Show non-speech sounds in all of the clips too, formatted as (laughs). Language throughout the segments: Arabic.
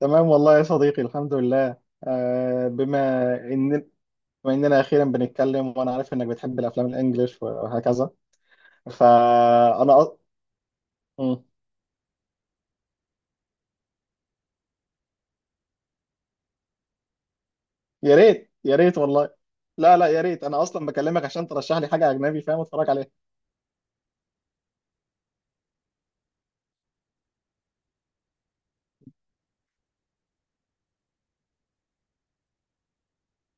تمام والله يا صديقي الحمد لله. آه، بما ان بما اننا اخيرا بنتكلم وانا عارف انك بتحب الافلام الانجليش وهكذا. فانا أ... مم. يا ريت، يا ريت والله. لا لا، يا ريت، انا اصلا بكلمك عشان ترشح لي حاجه اجنبي فاهم اتفرج عليها.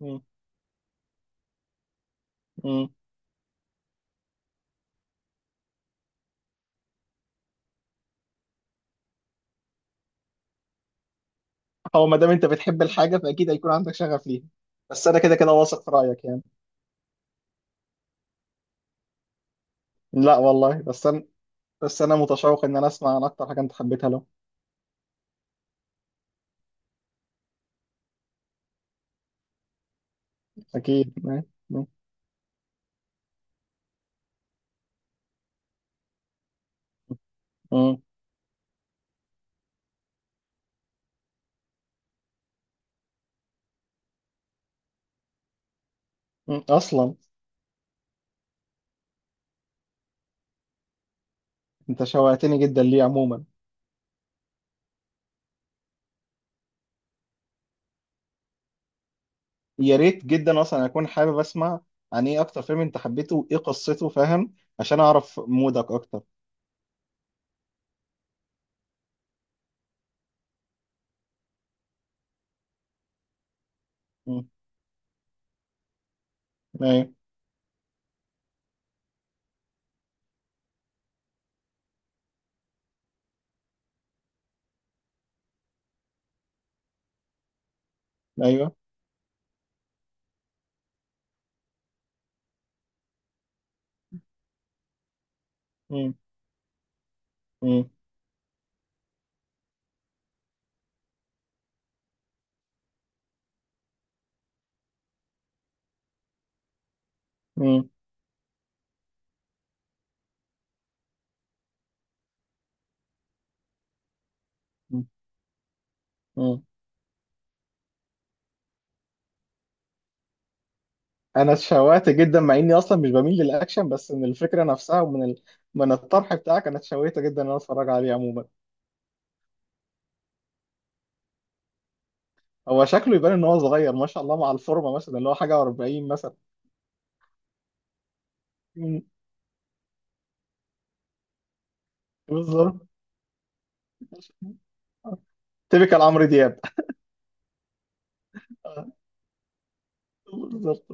مم. مم. هو ما دام انت بتحب الحاجه فاكيد هيكون عندك شغف ليها، بس انا كده كده واثق في رايك يعني. لا والله، بس انا متشوق ان انا اسمع عن اكتر حاجه انت حبيتها له. اكيد. مم. مم. اصلا انت شوقتني جدا ليه عموما. يا ريت جدا، اصلا اكون حابب اسمع عن ايه اكتر فيلم انت حبيته وايه قصته فاهم، عشان اعرف مودك اكتر. مم. ايوه. ايوه. مم. مم. مم. مم. مم. انا اتشوقت جدا مع اني اصلا مش بميل للاكشن، بس من الفكره نفسها من الطرح بتاعك انا اتشوقت جدا ان انا اتفرج عليه عموما. هو شكله يبان ان هو صغير ما شاء الله مع الفورمه، مثلا اللي هو حاجه 40 مثلا. مم. بالظبط. تيبيكال عمرو دياب. (laughs) بالظبط.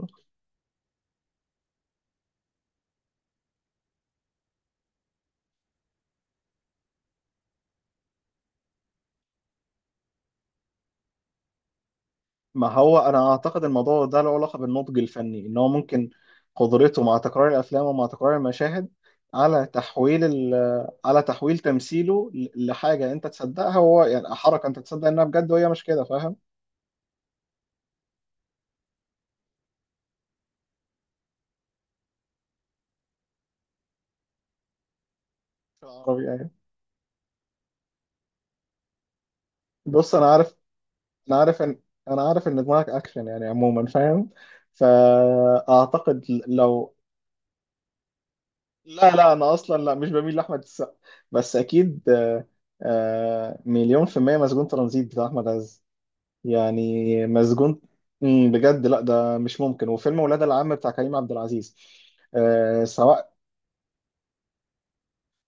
ما هو انا اعتقد الموضوع ده له علاقه بالنضج الفني، ان هو ممكن قدرته مع تكرار الافلام ومع تكرار المشاهد على على تحويل تمثيله لحاجه انت تصدقها، وهو يعني حركه انت تصدق انها بجد وهي مش كده، فاهم؟ عربي يعني. بص انا عارف، انا عارف ان انا عارف ان دماغك اكشن يعني عموما، فاهم؟ فاعتقد لو، لا لا انا اصلا لا مش بميل لاحمد السقا، بس اكيد، مليون في المية مسجون ترانزيت بتاع احمد عز، يعني مسجون. مم، بجد، لا ده مش ممكن. وفيلم ولاد العم بتاع كريم عبد العزيز. آه سواء،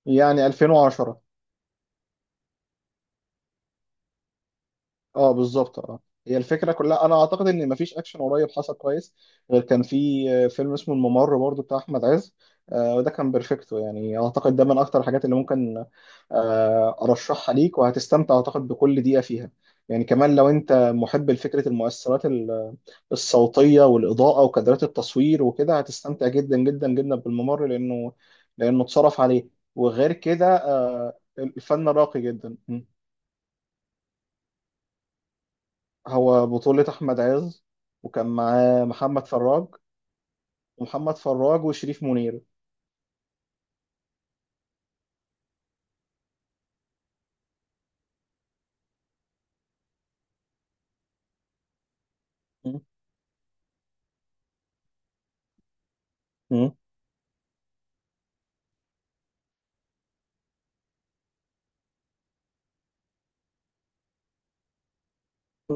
يعني 2010. اه بالظبط اه. هي الفكره كلها، انا اعتقد ان مفيش اكشن قريب حصل كويس، غير كان في فيلم اسمه الممر برضو بتاع احمد عز. وده كان بيرفكتو، يعني اعتقد ده من اكتر الحاجات اللي ممكن ارشحها ليك وهتستمتع اعتقد بكل دقيقه فيها. يعني كمان لو انت محب لفكره الصوتيه والاضاءه وكادرات التصوير وكده، هتستمتع جدا جدا جدا بالممر، لانه اتصرف عليه. وغير كده الفن راقي جدا. هو بطولة أحمد عز، وكان معاه محمد فراج. ومحمد فراج وشريف منير. م- م.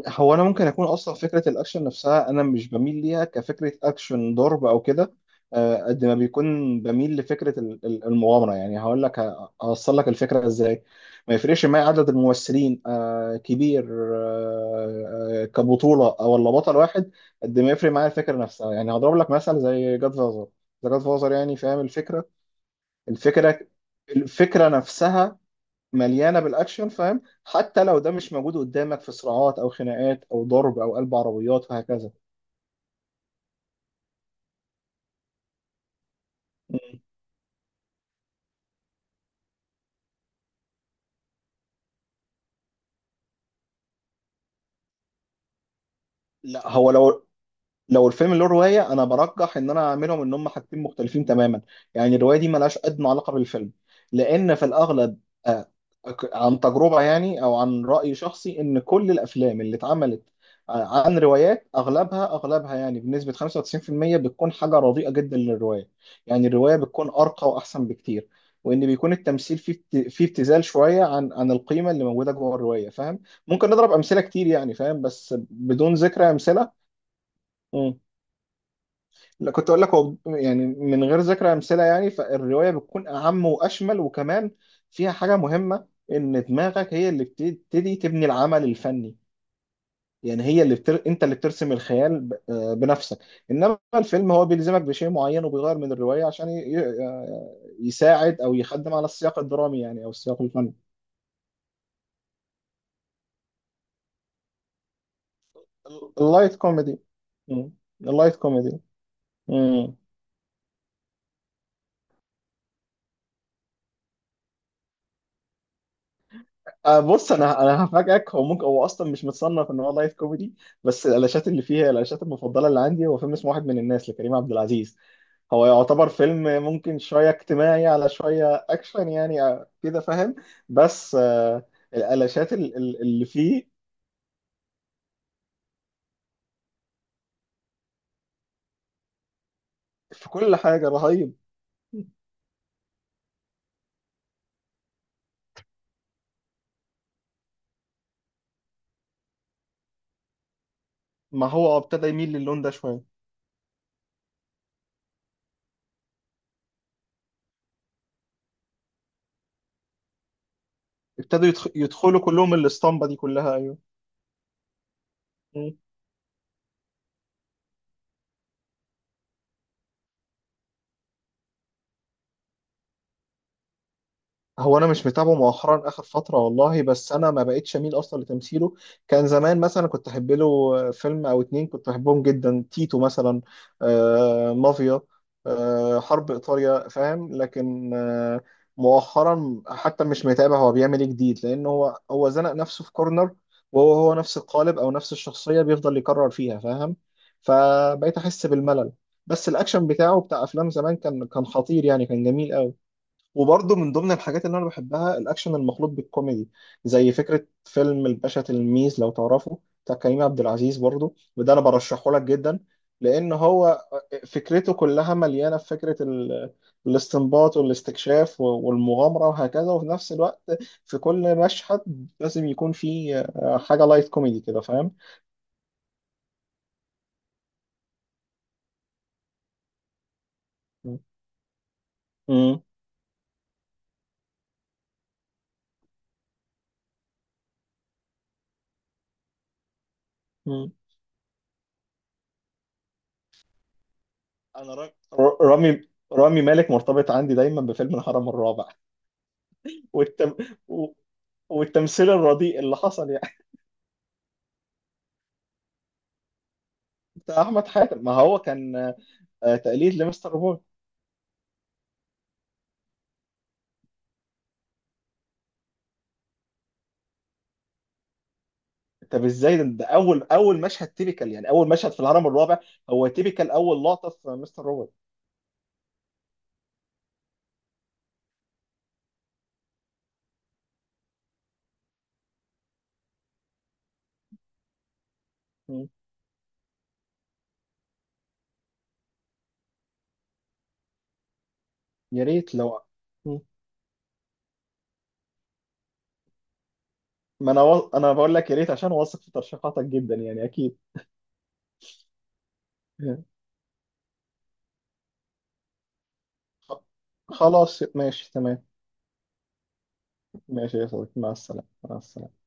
هو أنا ممكن أكون أصلا فكرة الأكشن نفسها أنا مش بميل ليها كفكرة أكشن ضرب أو كده. قد ما بيكون بميل لفكرة المغامرة، يعني هقول لك هوصل لك الفكرة إزاي. ما يفرقش معايا عدد الممثلين كبير، كبطولة أو ولا بطل واحد. قد ما يفرق معايا الفكرة نفسها، يعني هضرب لك مثل زي جاد فازر. ذا جاد فازر، يعني فاهم الفكرة. الفكره الفكره نفسها مليانه بالاكشن، فاهم، حتى لو ده مش موجود قدامك في صراعات او خناقات او ضرب او قلب عربيات وهكذا. مم. لا، هو لو الفيلم له روايه، انا برجح ان انا اعملهم ان هم حاجتين مختلفين تماما. يعني الروايه دي ملهاش ادنى علاقه بالفيلم، لان في الاغلب آه، عن تجربه يعني، او عن راي شخصي، ان كل الافلام اللي اتعملت عن روايات اغلبها يعني بنسبه 95% بتكون حاجه رديئه جدا للروايه. يعني الروايه بتكون ارقى واحسن بكتير، وان بيكون التمثيل فيه فيه ابتذال شويه عن القيمه اللي موجوده جوه الروايه، فاهم. ممكن نضرب امثله كتير يعني فاهم، بس بدون ذكر امثله. لا، كنت اقول لك، هو يعني من غير ذكر امثله يعني، فالروايه بتكون اعم واشمل، وكمان فيها حاجه مهمه، ان دماغك هي اللي بتبتدي تبني العمل الفني. يعني هي انت اللي بترسم الخيال ب... آه بنفسك. انما الفيلم هو بيلزمك بشيء معين، وبيغير من الروايه عشان يساعد او يخدم على السياق الدرامي يعني، او السياق الفني. اللايت كوميدي. اللايت كوميدي. بص، انا هفاجئك، هو ممكن هو اصلا مش متصنف ان هو لايف كوميدي، بس الالاشات اللي فيها، الالاشات المفضله اللي عندي هو فيلم اسمه واحد من الناس لكريم عبد العزيز. هو يعتبر فيلم ممكن شويه اجتماعي على شويه اكشن، يعني كده فاهم، بس الالاشات اللي فيه في كل حاجه رهيب. ما هو ابتدى يميل للون ده شويه. ابتدوا يدخلوا كلهم الاسطمبه دي كلها. ايوه. هو انا مش متابعه مؤخرا اخر فتره والله، بس انا ما بقتش اميل اصلا لتمثيله. كان زمان مثلا كنت احب له فيلم او اتنين كنت احبهم جدا، تيتو مثلا، آه مافيا، آه حرب ايطاليا، فاهم، لكن آه مؤخرا حتى مش متابع هو بيعمل ايه جديد، لان هو زنق نفسه في كورنر، وهو نفس القالب او نفس الشخصيه بيفضل يكرر فيها، فاهم. فبقيت احس بالملل. بس الاكشن بتاعه بتاع افلام زمان كان خطير يعني، كان جميل قوي. وبرضه من ضمن الحاجات اللي انا بحبها الاكشن المخلوط بالكوميدي، زي فكره فيلم الباشا تلميذ لو تعرفه، بتاع كريم عبد العزيز برضه، وده انا برشحه لك جدا. لان هو فكرته كلها مليانه في فكره الاستنباط والاستكشاف والمغامره وهكذا، وفي نفس الوقت في كل مشهد لازم يكون في حاجه لايت كوميدي كده فاهم. مم. مم. انا رامي مالك مرتبط عندي دايما بفيلم الهرم الرابع. والتم... و- والتمثيل الرديء اللي حصل يعني. بتاع احمد حاتم، ما هو كان تقليد لمستر بوي. طب ازاي ده، ده اول مشهد تيبيكال، يعني اول مشهد في الهرم الرابع هو تيبيكال اول لقطه في مستر روبوت. مم. يا ريت لو. مم. ما انا انا بقول لك يا ريت، عشان واثق في ترشيحاتك جدا يعني، اكيد. خلاص ماشي تمام. ماشي يا صديقي، مع السلامه. مع السلامه.